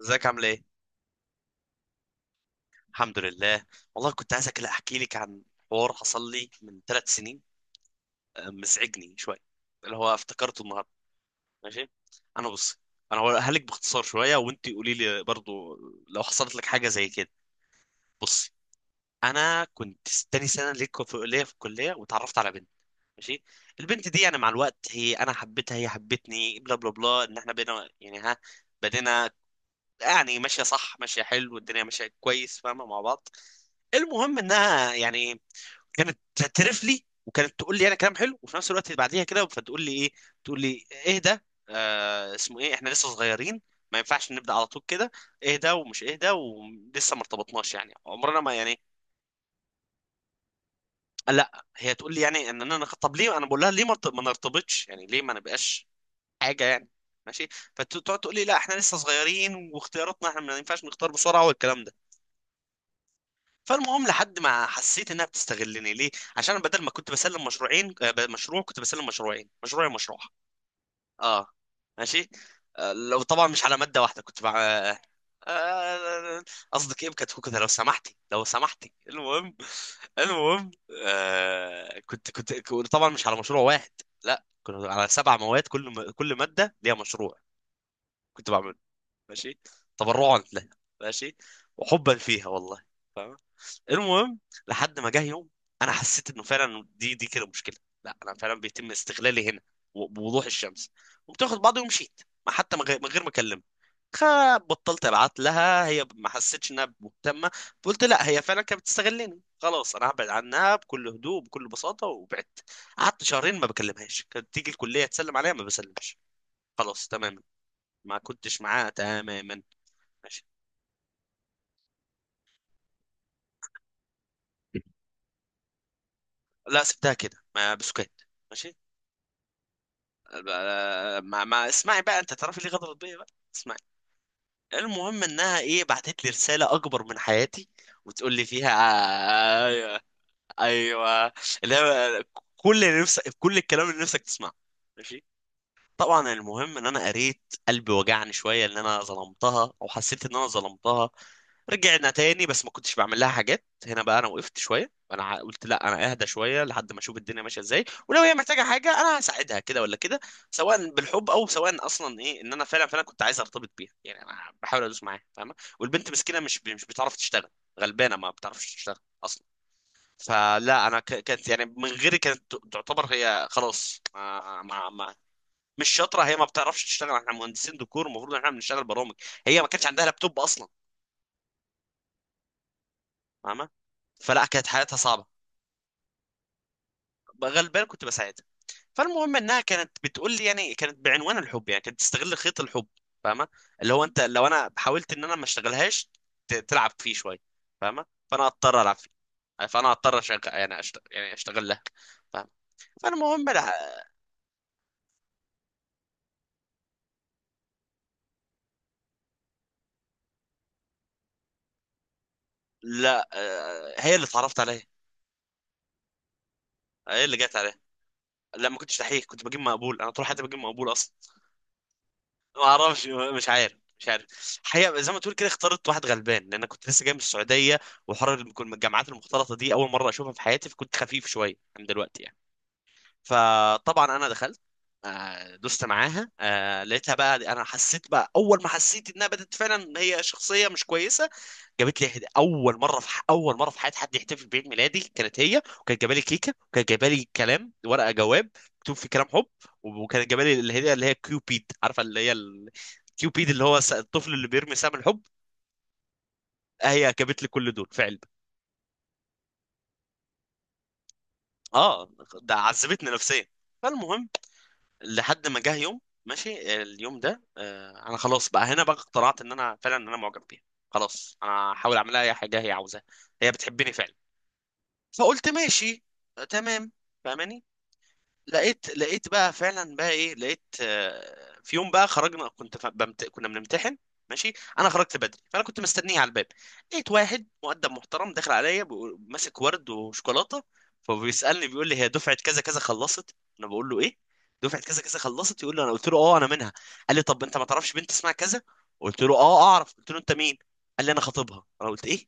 ازيك عامل ايه؟ الحمد لله. والله كنت عايزك لا احكي لك عن حوار حصل لي من 3 سنين. آه، مزعجني شويه، اللي هو افتكرته النهارده. ماشي. انا بص، انا هقولها لك باختصار شويه وانت قولي لي برضو لو حصلت لك حاجه زي كده. بصي، انا كنت تاني سنه ليا في الكليه وتعرفت على بنت. ماشي. البنت دي يعني مع الوقت هي انا حبيتها، هي حبتني بلا بلا بلا، ان احنا بينا يعني، ها، بدينا، يعني ماشيه صح، ماشيه حلو، والدنيا ماشيه كويس، فاهمه، مع بعض. المهم انها يعني كانت تعترف لي وكانت تقول لي انا كلام حلو، وفي نفس الوقت بعديها كده فتقول لي ايه، تقول لي اهدى. آه، اسمه ايه، احنا لسه صغيرين، ما ينفعش نبدا على طول كده. اهدى ومش اهدى ولسه ما ارتبطناش يعني، عمرنا ما يعني. لا، هي تقول لي يعني ان انا طب ليه، انا بقول لها ليه ما نرتبطش يعني، ليه ما نبقاش حاجه يعني. ماشي. فتقعد تقول لي لا احنا لسه صغيرين، واختياراتنا احنا ما ينفعش نختار بسرعه، والكلام ده. فالمهم لحد ما حسيت انها بتستغلني ليه، عشان بدل ما كنت بسلم مشروعين، مشروع، كنت بسلم مشروعين، مشروعي مشروع اه. ماشي. لو طبعا مش على ماده واحده كنت مع آه، قصدك ايه بكتكوت كده؟ لو سمحتي، لو سمحتي. المهم، المهم، كنت طبعا مش على مشروع واحد، لا كنا على 7 مواد، كل ماده ليها مشروع كنت بعمله. ماشي. تبرعا لها. ماشي. وحبا فيها والله. المهم، لحد ما جه يوم انا حسيت انه فعلا دي كده مشكله، لا انا فعلا بيتم استغلالي هنا بوضوح الشمس. قمت واخد بعضي ومشيت، ما حتى من غير ما اكلمها. بطلت ابعت لها، هي ما حسيتش انها مهتمه. قلت لا، هي فعلا كانت بتستغلني، خلاص انا هبعد عنها بكل هدوء بكل بساطه، وبعدت. قعدت شهرين ما بكلمهاش، كانت تيجي الكليه تسلم عليها ما بسلمش. خلاص تماما. ما كنتش معاها تماما. ماشي. لا سبتها كده، ما بسكت. ماشي. ب- ما, ما اسمعي بقى، انت تعرفي ليه غدرت بيا بقى. اسمعي. المهم انها ايه، بعتت لي رساله اكبر من حياتي، وتقول لي فيها، ايوه، ايوه، اللي هو، كل اللي نفسك، كل الكلام اللي نفسك تسمعه. ماشي. طبعا المهم ان انا قريت، قلبي وجعني شويه ان انا ظلمتها، او حسيت ان انا ظلمتها. رجعنا تاني، بس ما كنتش بعمل لها حاجات هنا بقى، انا وقفت شويه، انا قلت لا، انا اهدى شويه لحد ما اشوف الدنيا ماشيه ازاي، ولو هي محتاجه حاجه انا هساعدها كده ولا كده، سواء بالحب او سواء اصلا ايه، ان انا فعلا كنت عايز ارتبط بيها يعني، انا بحاول ادوس معاها، فاهمه، والبنت مسكينه، مش بتعرف تشتغل، غلبانه ما بتعرفش تشتغل اصلا. فلا انا كانت يعني من غيري كانت تعتبر هي خلاص ما, مش شاطره، هي ما بتعرفش تشتغل، احنا مهندسين ديكور المفروض ان احنا بنشتغل برامج، هي ما كانش عندها لابتوب اصلا، فاهمه. فلا كانت حياتها صعبه، غلبان كنت بساعدها. فالمهم انها كانت بتقول لي يعني، كانت بعنوان الحب، يعني كانت بتستغل خيط الحب، فاهمه، اللي هو، انت لو انا حاولت ان انا ما اشتغلهاش تلعب فيه شويه، فاهمه، فانا اضطر العب فيه، فانا اضطر اشغل يعني أشتغل يعني اشتغل لها، فاهمه. فالمهم لا، هي اللي اتعرفت عليها، هي اللي جت عليها. لا، ما كنتش دحيح، كنت بجيب مقبول، انا طول حياتي بجيب مقبول اصلا. ما اعرفش، مش عارف، مش عارف. حقيقة زي ما تقول كده، اخترت واحد غلبان، لان كنت لسه جاي من السعودية وحر. الجامعات المختلطة دي اول مرة اشوفها في حياتي، فكنت خفيف شوية عن دلوقتي يعني. فطبعا انا دخلت، دست معاها، لقيتها بقى، انا حسيت بقى، اول ما حسيت انها بدات فعلا هي شخصية مش كويسة. جابت لي اول مره اول مره في حياتي حد يحتفل بعيد ميلادي كانت هي، وكانت جايبه لي كيكه، وكانت جايبه لي كلام، ورقه جواب مكتوب فيه كلام حب، وكانت جايبه لي الهديه اللي هي كيوبيد، عارفه اللي هي كيوبيد اللي هو الطفل اللي بيرمي سهم الحب. هي جابت لي كل دول في علبه. اه. ده عذبتني نفسيا. فالمهم لحد ما جه يوم، ماشي اليوم ده، آه، انا خلاص بقى هنا بقى اقتنعت ان انا فعلا ان انا معجب بيها، خلاص انا هحاول اعمل لها اي حاجه هي عاوزاها، هي بتحبني فعلا. فقلت ماشي، آه، تمام، فاهماني. لقيت بقى فعلا بقى ايه، لقيت، آه، في يوم بقى خرجنا، كنت كنا بنمتحن. ماشي. انا خرجت بدري فانا كنت مستنيه على الباب. لقيت واحد مؤدب محترم داخل عليا ماسك ورد وشوكولاته، فبيسالني بيقول لي هي دفعه كذا كذا خلصت، انا بقول له ايه، دفعه كذا كذا خلصت، يقول لي انا، قلت له اه انا منها. قال لي طب انت ما تعرفش بنت اسمها كذا؟ قلت له اه اعرف. قلت له انت مين؟ قال لي انا خطيبها. انا قلت ايه،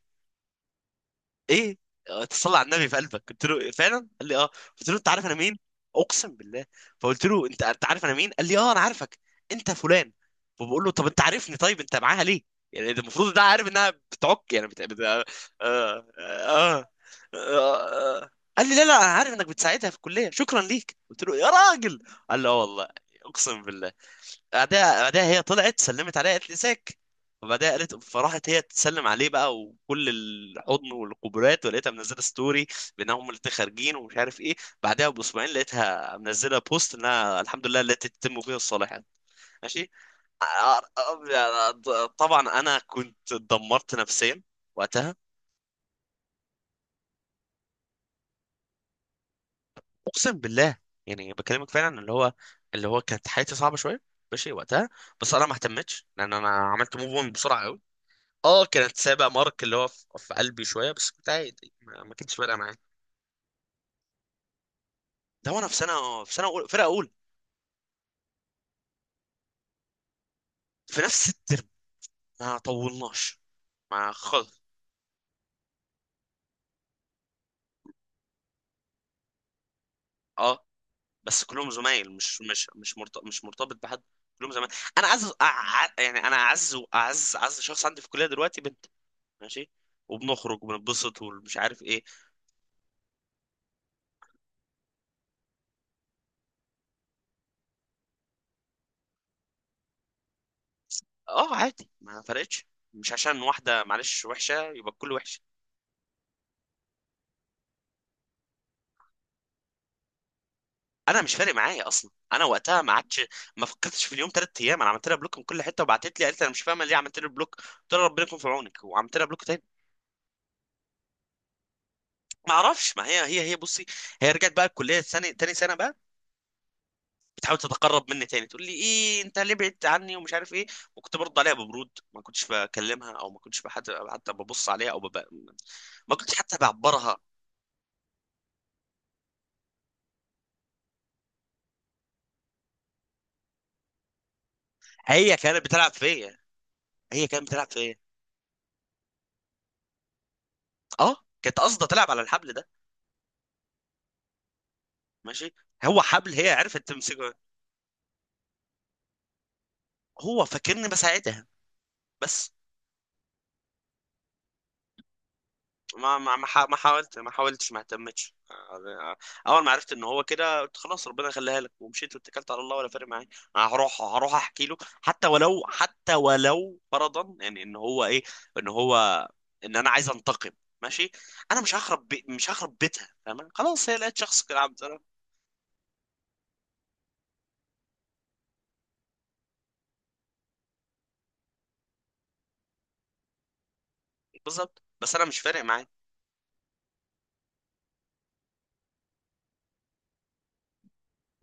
ايه، آه، تصلي على النبي في قلبك؟ قلت له فعلا؟ قال لي اه. قلت له انت عارف انا مين؟ اقسم بالله. فقلت له انت عارف انا مين؟ قال لي اه انا عارفك، انت فلان. فبقول له طب انت عارفني، طيب انت معاها ليه؟ يعني ده المفروض ده عارف انها بتعك، يعني آه... آه... آه... قال لي لا لا انا عارف انك بتساعدها في الكليه، شكرا ليك. قلت له يا راجل. قال لي اه والله. اقسم بالله. بعدها هي طلعت سلمت عليها قالت لي ازيك، وبعدها قالت، فراحت هي تسلم عليه بقى، وكل الحضن والقبرات، ولقيتها منزله ستوري بانهم هم الاتنين خارجين ومش عارف ايه. بعدها باسبوعين لقيتها منزله بوست انها الحمد لله التي تتم فيها الصالحات. ماشي. طبعا انا كنت اتدمرت نفسيا وقتها، اقسم بالله، يعني بكلمك فعلا، اللي هو، اللي هو كانت حياتي صعبه شويه ماشي وقتها. بس انا ما اهتمتش، لان انا عملت موف اون بسرعه. اه، كانت سابقة مارك اللي هو في قلبي شوية، بس كنت عادي، ما كانتش فارقة معايا. ده وانا في سنة أولى، فرقة أولى. في نفس الترم، ما طولناش، ما خالص. اه، بس كلهم زمايل، مش مرتبط بحد، كلهم زمايل. انا اعز يعني انا اعز واعز اعز شخص عندي في الكلية دلوقتي بنت. ماشي. وبنخرج وبنبسط ومش عارف ايه. اه، عادي، ما فرقتش، مش عشان واحدة معلش وحشة يبقى الكل وحش. انا مش فارق معايا اصلا، انا وقتها ما عادش ما فكرتش في اليوم. 3 ايام انا عملت لها بلوك من كل حته، وبعتت لي قالت لي انا مش فاهمه ليه عملت لي بلوك، قلت لها ربنا يكون في عونك، وعملت لها بلوك تاني. ما اعرفش، ما هي بصي، هي رجعت بقى الكليه الثاني تاني سنه بقى، بتحاول تتقرب مني تاني، تقول لي ايه انت ليه بعدت عني ومش عارف ايه. وكنت برد عليها ببرود، ما كنتش بكلمها، او ما كنتش بحد حتى ببص عليها او ما كنتش حتى بعبرها. هي كانت بتلعب فيا، هي كانت بتلعب فيا. اه، كانت قاصده تلعب على الحبل ده، ماشي، هو حبل هي عرفت تمسكه. هو فاكرني بساعدها بس. ما حاولتش، ما اهتمتش، اول ما عرفت ان هو كده قلت خلاص ربنا يخليها لك، ومشيت واتكلت على الله، ولا فارق معايا. انا هروح احكي له، حتى ولو فرضا، يعني ان هو ايه، ان هو، ان انا عايز انتقم. ماشي. انا مش هخرب بيتها، فاهم؟ خلاص، هي لقيت شخص كده عبد. بالظبط، بس انا مش فارق معايا.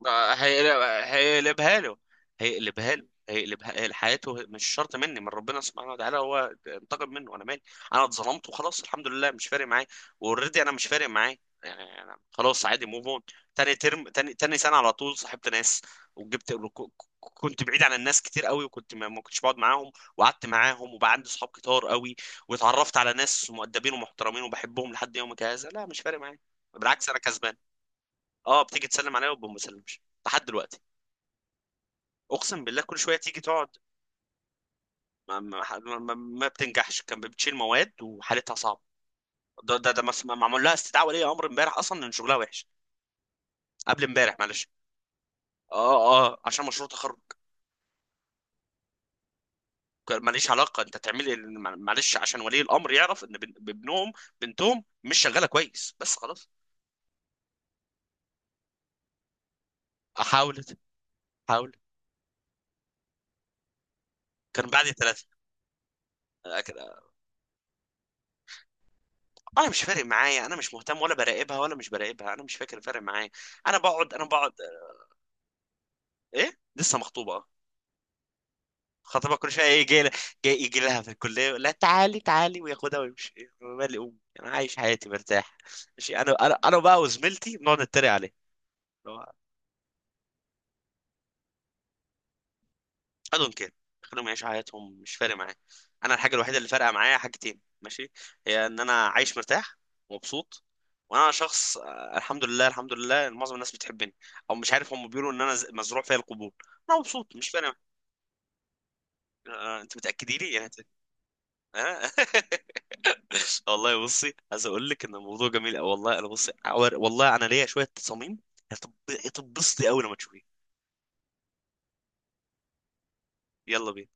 هيقلبها له، هيقلبها له، هيقلبها حياته، مش شرط مني، من ربنا سبحانه وتعالى هو انتقم منه، انا مالي. انا اتظلمت وخلاص، الحمد لله، مش فارق معايا. واوريدي انا مش فارق معايا يعني، انا خلاص عادي موف اون. تاني ترم تاني سنه، على طول صاحبت ناس، وجبت ك- كنت بعيد عن الناس كتير قوي، وكنت ما كنتش بقعد معاهم، وقعدت معاهم، وبقى عندي صحاب كتار قوي، واتعرفت على ناس مؤدبين ومحترمين وبحبهم لحد يومك هذا. لا، مش فارق معايا، بالعكس انا كسبان. اه، بتيجي تسلم عليا وما بسلمش لحد دلوقتي. اقسم بالله كل شويه تيجي تقعد. ما بتنجحش، كان بتشيل مواد وحالتها صعبه. ده معمول لها استدعاء ولي امر امبارح، اصلا ان شغلها وحش، قبل امبارح، معلش. اه، اه، عشان مشروع تخرج. كان ماليش علاقه، انت تعملي معلش، عشان ولي الامر يعرف ان ابنهم، بنتهم، مش شغاله كويس، بس خلاص. حاولت، حاولت. كان بعد ثلاثه كده. انا مش فارق معايا، انا مش مهتم، ولا براقبها ولا مش براقبها، انا مش فاكر فارق معايا. انا بقعد، ايه، لسه مخطوبه، اه. خطيبها كل شويه ايه جاي، جاي يجي لها في الكليه يقول لها تعالي تعالي وياخدها ويمشي. إيه، مالي، امي، انا عايش حياتي مرتاح. ماشي، انا بقى وزميلتي بنقعد نتريق عليه، اللي هو I don't care. خليهم يعيشوا حياتهم، مش فارق معايا. انا الحاجه الوحيده اللي فارقه معايا حاجتين، ماشي، هي ان انا عايش مرتاح ومبسوط. وانا شخص، آه، الحمد لله، الحمد لله إن معظم الناس بتحبني، او مش عارف، هم بيقولوا ان انا مزروع فيا القبول. انا مبسوط، مش فارق معايا. آه، انت متاكدي لي يعني؟ آه؟ والله بصي، عايز اقول لك ان الموضوع جميل أوي. والله انا بصي، والله انا ليا شويه تصاميم، هتب- هتتبسطي قوي لما تشوفيه. يلا بينا.